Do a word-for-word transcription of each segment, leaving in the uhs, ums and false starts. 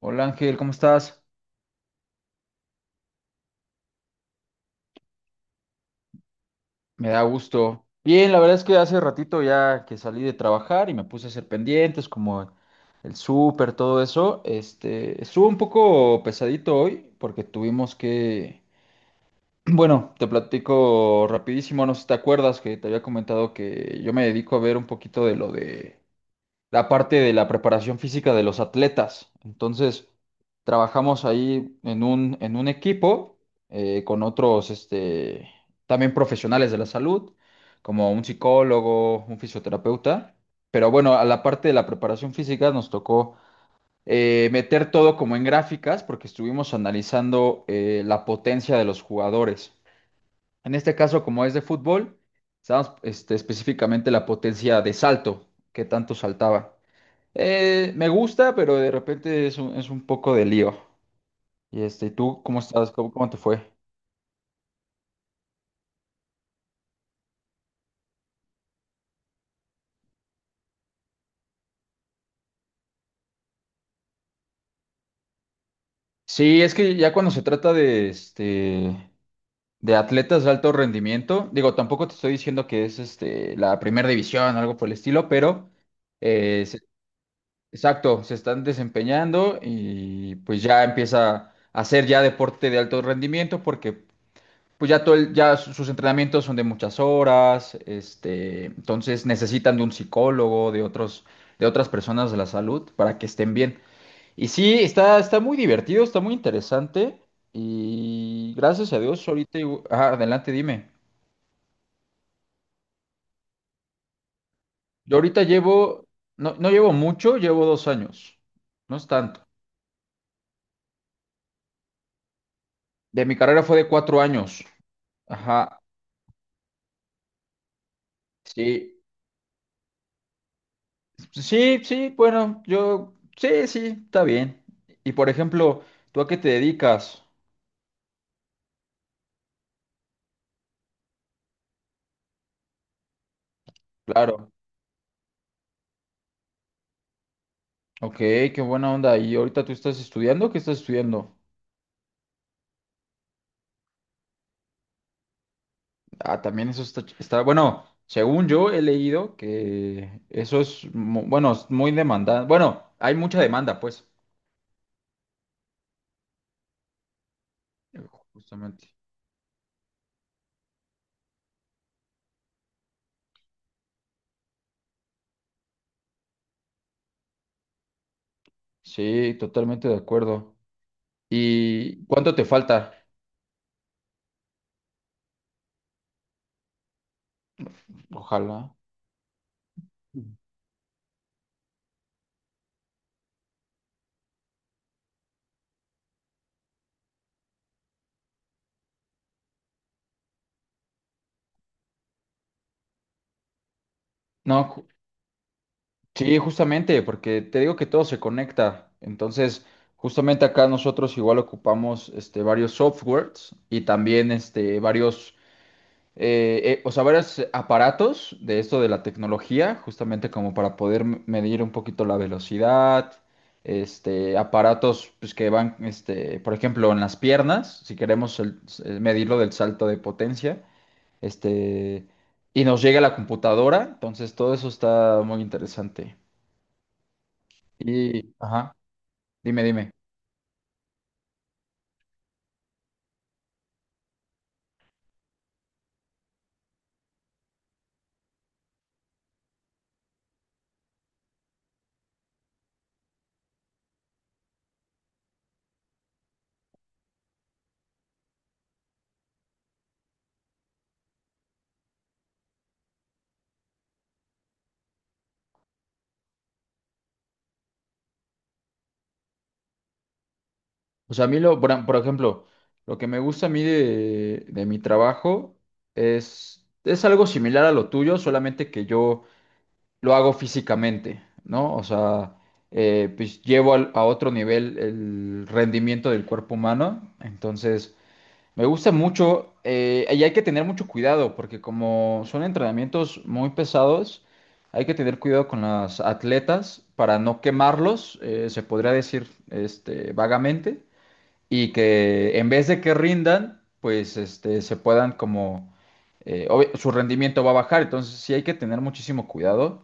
Hola Ángel, ¿cómo estás? Me da gusto. Bien, la verdad es que hace ratito ya que salí de trabajar y me puse a hacer pendientes como el súper, todo eso. Este, estuvo un poco pesadito hoy porque tuvimos que, bueno, te platico rapidísimo, no sé si te acuerdas que te había comentado que yo me dedico a ver un poquito de lo de la parte de la preparación física de los atletas. Entonces, trabajamos ahí en un, en un equipo eh, con otros este, también profesionales de la salud, como un psicólogo, un fisioterapeuta. Pero bueno, a la parte de la preparación física nos tocó eh, meter todo como en gráficas porque estuvimos analizando eh, la potencia de los jugadores. En este caso, como es de fútbol, estábamos este, específicamente la potencia de salto, qué tanto saltaba. Eh, me gusta, pero de repente es un, es un poco de lío. Y este, ¿tú cómo estás? ¿Cómo, cómo te fue? Sí, es que ya cuando se trata de este de atletas de alto rendimiento, digo, tampoco te estoy diciendo que es este la primera división o algo por el estilo, pero eh, se- exacto, se están desempeñando y pues ya empieza a ser ya deporte de alto rendimiento porque pues ya todo el- ya su- sus entrenamientos son de muchas horas, este, entonces necesitan de un psicólogo, de otros, de otras personas de la salud para que estén bien. Y sí, está, está muy divertido, está muy interesante y gracias a Dios ahorita, igu- ajá, adelante, dime. Yo ahorita llevo, no, no llevo mucho, llevo dos años, no es tanto. De mi carrera fue de cuatro años, ajá, sí. Sí, sí, bueno, yo, sí, sí, está bien. Y por ejemplo, ¿tú a qué te dedicas? Claro. Ok, qué buena onda. ¿Y ahorita tú estás estudiando? ¿Qué estás estudiando? Ah, también eso está, ch- está, bueno, según yo he leído que eso es, mu- bueno, es muy demandante. Bueno, hay mucha demanda, pues. Justamente. Sí, totalmente de acuerdo. ¿Y cuánto te falta? Ojalá. No. Sí, justamente, porque te digo que todo se conecta. Entonces, justamente acá nosotros igual ocupamos este, varios softwares y también este, varios, eh, eh, o sea, varios aparatos de esto de la tecnología, justamente como para poder m- medir un poquito la velocidad, este, aparatos pues, que van, este, por ejemplo, en las piernas, si queremos el- eh, medirlo del salto de potencia, este, y nos llega la computadora, entonces todo eso está muy interesante. Y, ajá, dime, dime. O sea, a mí, lo, por, por ejemplo, lo que me gusta a mí de, de mi trabajo es, es algo similar a lo tuyo, solamente que yo lo hago físicamente, ¿no? O sea, eh, pues llevo al- a otro nivel el rendimiento del cuerpo humano. Entonces, me gusta mucho eh, y hay que tener mucho cuidado porque como son entrenamientos muy pesados, hay que tener cuidado con los atletas para no quemarlos, eh, se podría decir este, vagamente, y que en vez de que rindan, pues este, se puedan como, eh, obvi- su rendimiento va a bajar, entonces sí hay que tener muchísimo cuidado,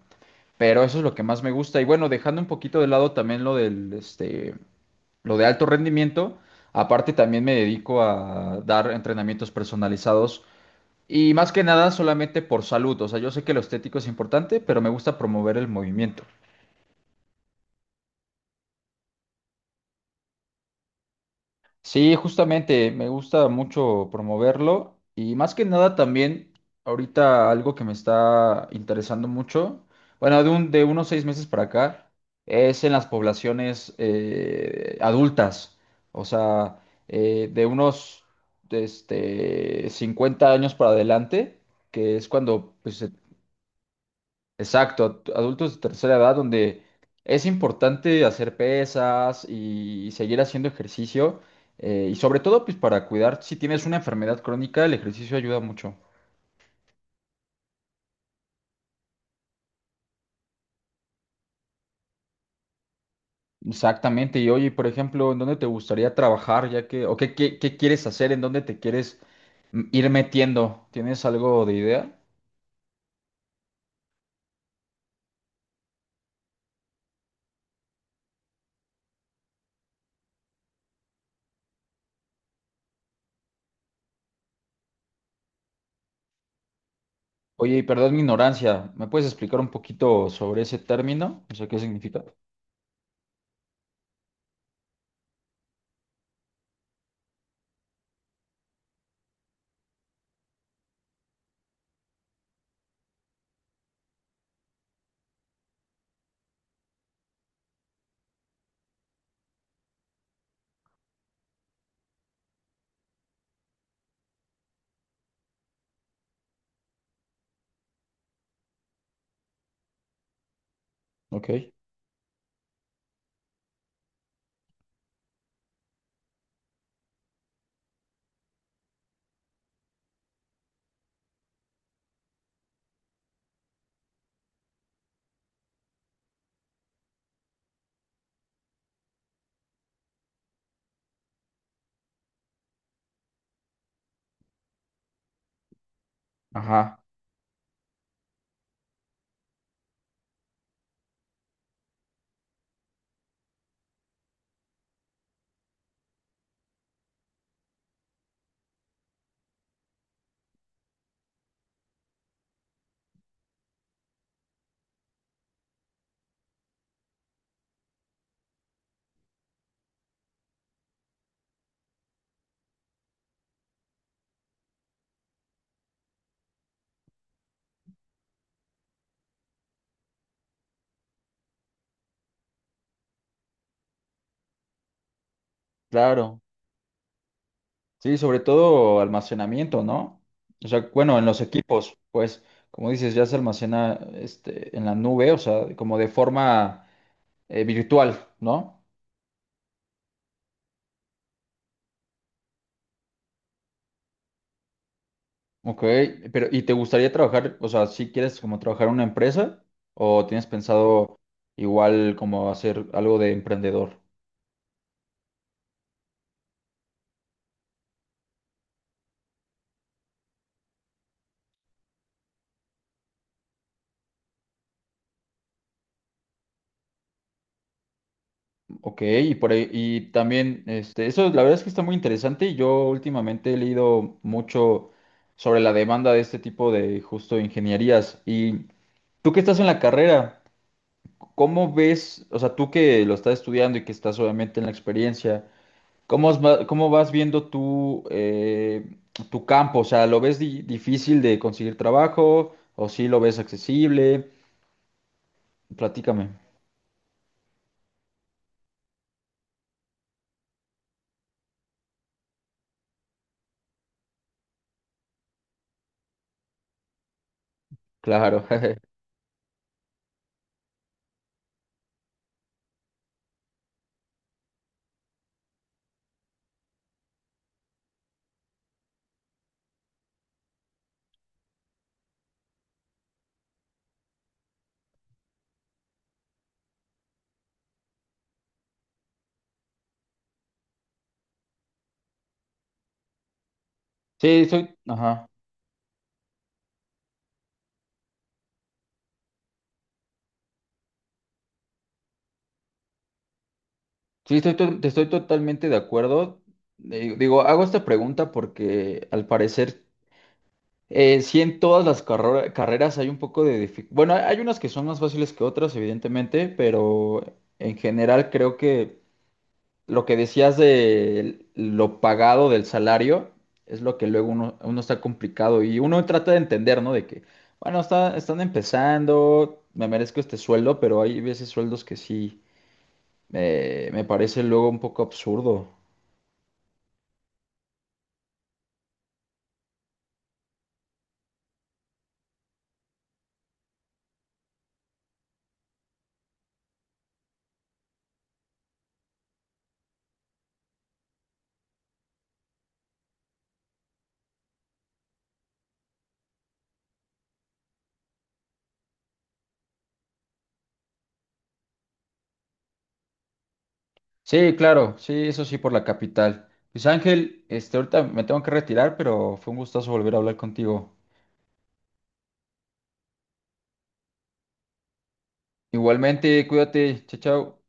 pero eso es lo que más me gusta. Y bueno, dejando un poquito de lado también lo del, este, lo de alto rendimiento. Aparte, también me dedico a dar entrenamientos personalizados y más que nada solamente por salud. O sea, yo sé que lo estético es importante, pero me gusta promover el movimiento. Sí, justamente, me gusta mucho promoverlo y más que nada también ahorita algo que me está interesando mucho, bueno, de, un- de unos seis meses para acá, es en las poblaciones eh, adultas, o sea, eh, de unos este, cincuenta años para adelante, que es cuando pues, se exacto, ad- adultos de tercera edad donde es importante hacer pesas y seguir haciendo ejercicio eh, y sobre todo pues para cuidar, si tienes una enfermedad crónica, el ejercicio ayuda mucho. Exactamente, y oye, por ejemplo, ¿en dónde te gustaría trabajar ya que, o qué, qué, qué quieres hacer, en dónde te quieres mm, ir metiendo? ¿Tienes algo de idea? Oye, y perdón mi ignorancia, ¿me puedes explicar un poquito sobre ese término? O sea, ¿qué significa? Ok. Ajá, claro. Sí, sobre todo almacenamiento, ¿no? O sea, bueno, en los equipos, pues, como dices, ya se almacena este, en la nube, o sea, como de forma eh, virtual, ¿no? Ok, pero ¿y te gustaría trabajar, o sea, si quieres como trabajar en una empresa o tienes pensado igual como hacer algo de emprendedor? Ok, y por ahí, y también, este, eso la verdad es que está muy interesante y yo últimamente he leído mucho sobre la demanda de este tipo de justo ingenierías. Y tú que estás en la carrera, ¿cómo ves, o sea, tú que lo estás estudiando y que estás obviamente en la experiencia, ¿cómo, os va- cómo vas viendo tú eh, tu campo? O sea, ¿lo ves di- difícil de conseguir trabajo o sí lo ves accesible? Platícame. Claro. Sí, soy, ajá. Sí, estoy, to- te estoy totalmente de acuerdo. Digo, digo, hago esta pregunta porque al parecer eh, sí en todas las carro- carreras hay un poco de dificultad. Bueno, hay hay unas que son más fáciles que otras, evidentemente, pero en general creo que lo que decías de lo pagado del salario es lo que luego uno, uno está complicado y uno trata de entender, ¿no? De que, bueno, está, están empezando, me merezco este sueldo, pero hay veces sueldos que sí eh, me parece luego un poco absurdo. Sí, claro, sí, eso sí, por la capital. Pues Ángel, este, ahorita me tengo que retirar, pero fue un gustazo volver a hablar contigo. Igualmente, cuídate, chao, chao.